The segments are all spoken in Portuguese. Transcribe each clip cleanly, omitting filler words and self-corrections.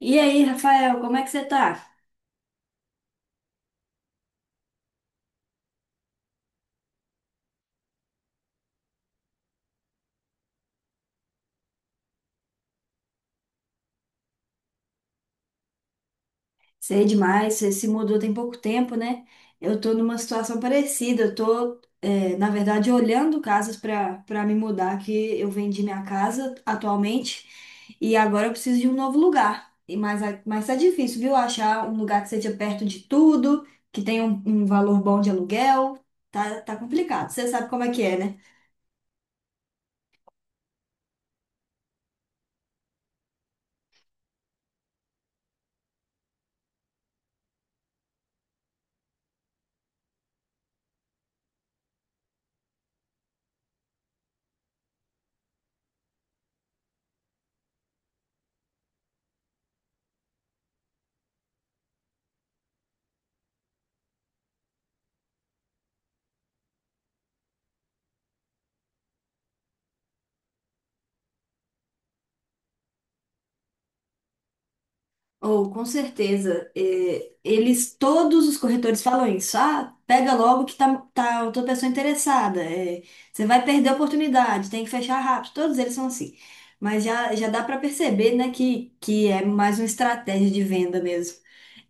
E aí, Rafael, como é que você tá? Sei demais, você se mudou tem pouco tempo, né? Eu tô numa situação parecida, eu tô, na verdade, olhando casas para me mudar, que eu vendi minha casa atualmente e agora eu preciso de um novo lugar. E mas, mas tá difícil, viu? Achar um lugar que seja perto de tudo, que tenha um valor bom de aluguel, tá complicado. Você sabe como é que é, né? Ou, com certeza, eles, todos os corretores falam isso. Ah, pega logo que tá outra pessoa interessada. Você vai perder a oportunidade, tem que fechar rápido. Todos eles são assim. Mas já dá para perceber, né, que é mais uma estratégia de venda mesmo.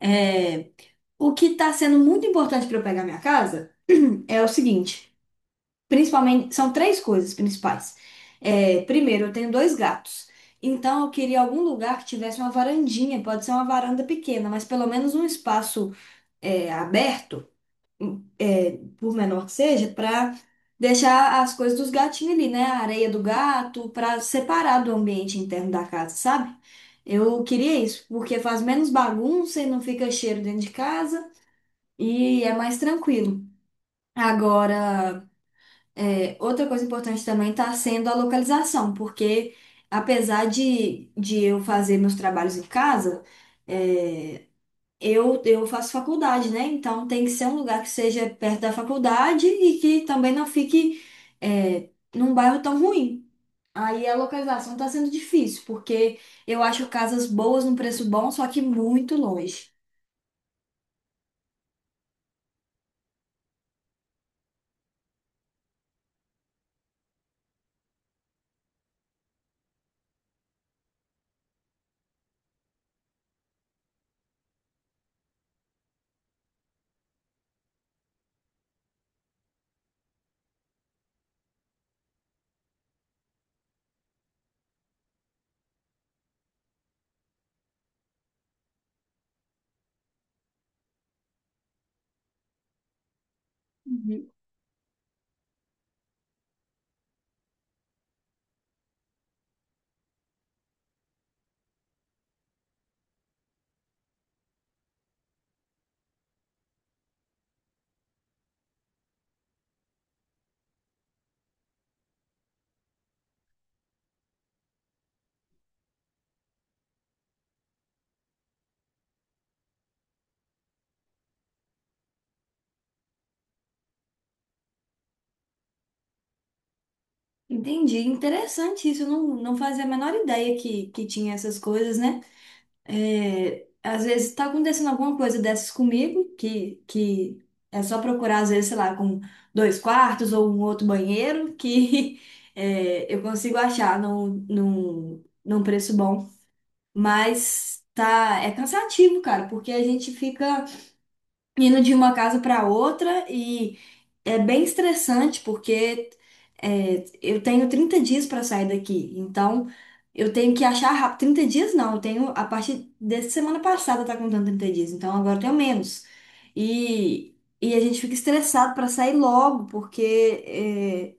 É, o que está sendo muito importante para eu pegar minha casa é o seguinte. Principalmente, são três coisas principais. Primeiro, eu tenho dois gatos. Então, eu queria algum lugar que tivesse uma varandinha. Pode ser uma varanda pequena, mas pelo menos um espaço aberto, por menor que seja, para deixar as coisas dos gatinhos ali, né? A areia do gato, para separar do ambiente interno da casa, sabe? Eu queria isso, porque faz menos bagunça e não fica cheiro dentro de casa e é mais tranquilo. Agora. Outra coisa importante também está sendo a localização, porque apesar de eu fazer meus trabalhos em casa, é, eu faço faculdade, né? Então tem que ser um lugar que seja perto da faculdade e que também não fique, é, num bairro tão ruim. Aí a localização está sendo difícil, porque eu acho casas boas num preço bom, só que muito longe. Uhum. Entendi, interessante isso. Eu não fazia a menor ideia que tinha essas coisas, né? Às vezes está acontecendo alguma coisa dessas comigo, que é só procurar, às vezes, sei lá, com dois quartos ou um outro banheiro, que eu consigo achar num preço bom. Mas tá, é cansativo, cara, porque a gente fica indo de uma casa para outra é bem estressante porque eu tenho 30 dias para sair daqui. Então, eu tenho que achar rápido. 30 dias não, eu tenho a partir dessa semana passada tá contando 30 dias. Então, agora eu tenho menos. E, e a gente fica estressado para sair logo porque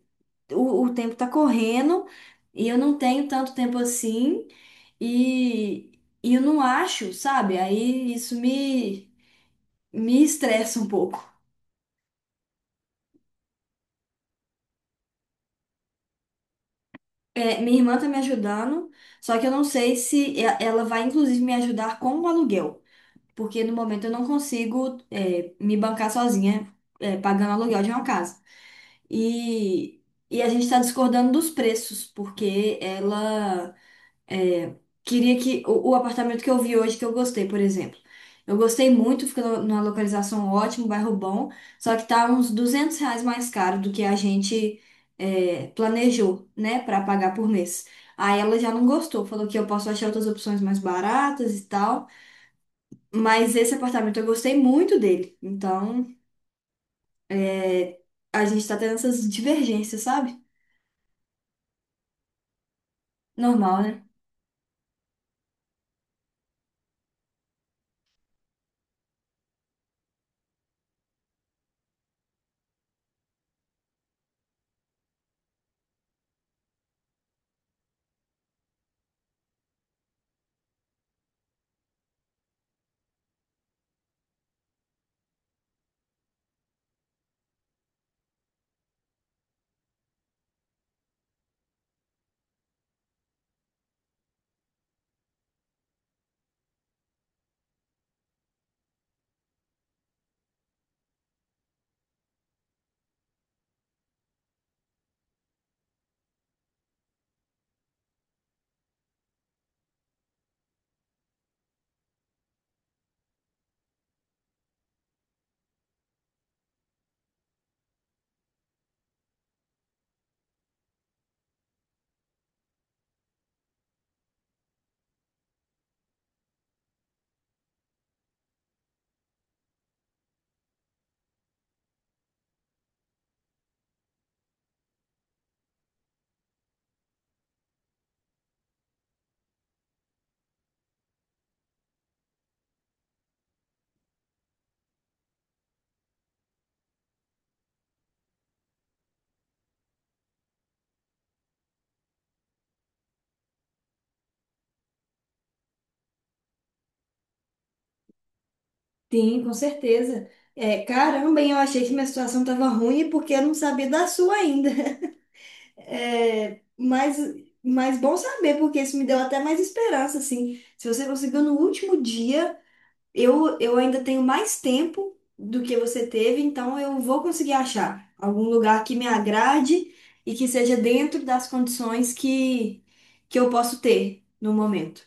o tempo tá correndo e eu não tenho tanto tempo assim e eu não acho, sabe? Aí isso me estressa um pouco. Minha irmã tá me ajudando, só que eu não sei se ela vai, inclusive, me ajudar com o aluguel, porque no momento eu não consigo, me bancar sozinha, pagando aluguel de uma casa. E, e a gente tá discordando dos preços, porque ela. É, Queria que o apartamento que eu vi hoje, que eu gostei, por exemplo. Eu gostei muito, fica numa localização ótima, um bairro bom, só que tá uns R$ 200 mais caro do que a gente planejou, né, para pagar por mês. Aí ela já não gostou, falou que eu posso achar outras opções mais baratas e tal, mas esse apartamento eu gostei muito dele. Então, é, a gente tá tendo essas divergências, sabe? Normal, né? Sim, com certeza. É, caramba, hein, eu achei que minha situação estava ruim porque eu não sabia da sua ainda. É, mas, mas bom saber, porque isso me deu até mais esperança, assim. Se você conseguiu no último dia, eu ainda tenho mais tempo do que você teve, então eu vou conseguir achar algum lugar que me agrade e que seja dentro das condições que eu posso ter no momento.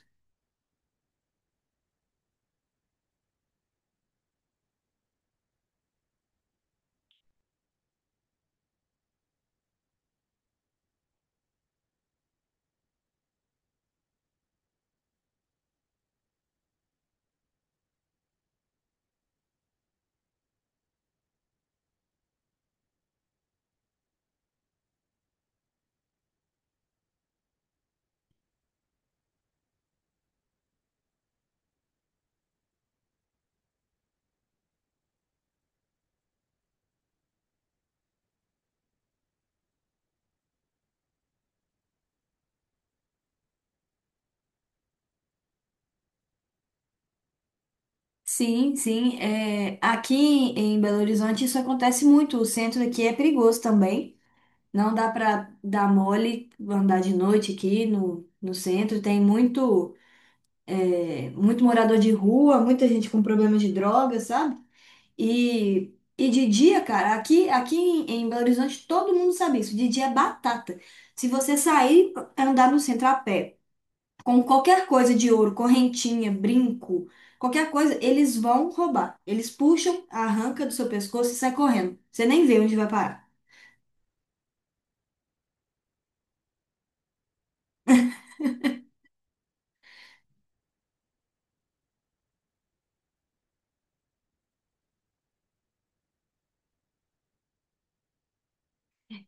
Sim, sim. Aqui em Belo Horizonte isso acontece muito. O centro aqui é perigoso também. Não dá para dar mole, andar de noite aqui no centro. Tem muito morador de rua, muita gente com problema de drogas, sabe? E de dia, cara, aqui em Belo Horizonte todo mundo sabe isso. De dia é batata. Se você sair, andar no centro a pé com qualquer coisa de ouro, correntinha, brinco, qualquer coisa, eles vão roubar. Eles puxam, arranca do seu pescoço e sai correndo. Você nem vê onde vai parar.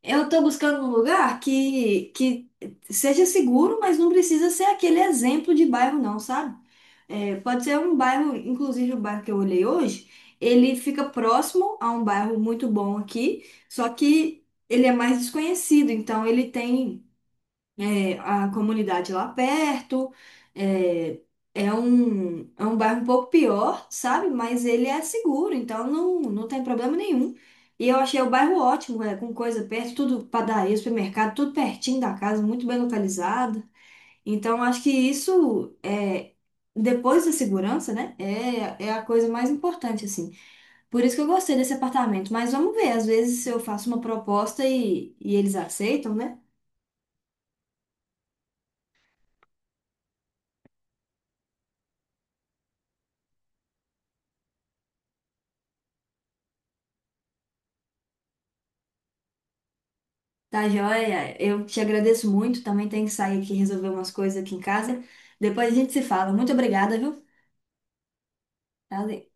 Eu tô buscando um lugar que seja seguro, mas não precisa ser aquele exemplo de bairro, não, sabe? Pode ser um bairro, inclusive o bairro que eu olhei hoje, ele fica próximo a um bairro muito bom aqui, só que ele é mais desconhecido, então ele tem a comunidade lá perto. É, é um bairro um pouco pior, sabe? Mas ele é seguro, então não tem problema nenhum. E eu achei o bairro ótimo, com coisa perto, tudo padaria, supermercado, tudo pertinho da casa, muito bem localizado. Então acho que isso é. Depois da segurança, né? É a coisa mais importante, assim. Por isso que eu gostei desse apartamento. Mas vamos ver, às vezes eu faço uma proposta e eles aceitam, né? Tá joia? Eu te agradeço muito. Também tenho que sair aqui e resolver umas coisas aqui em casa. Depois a gente se fala. Muito obrigada, viu? Valeu.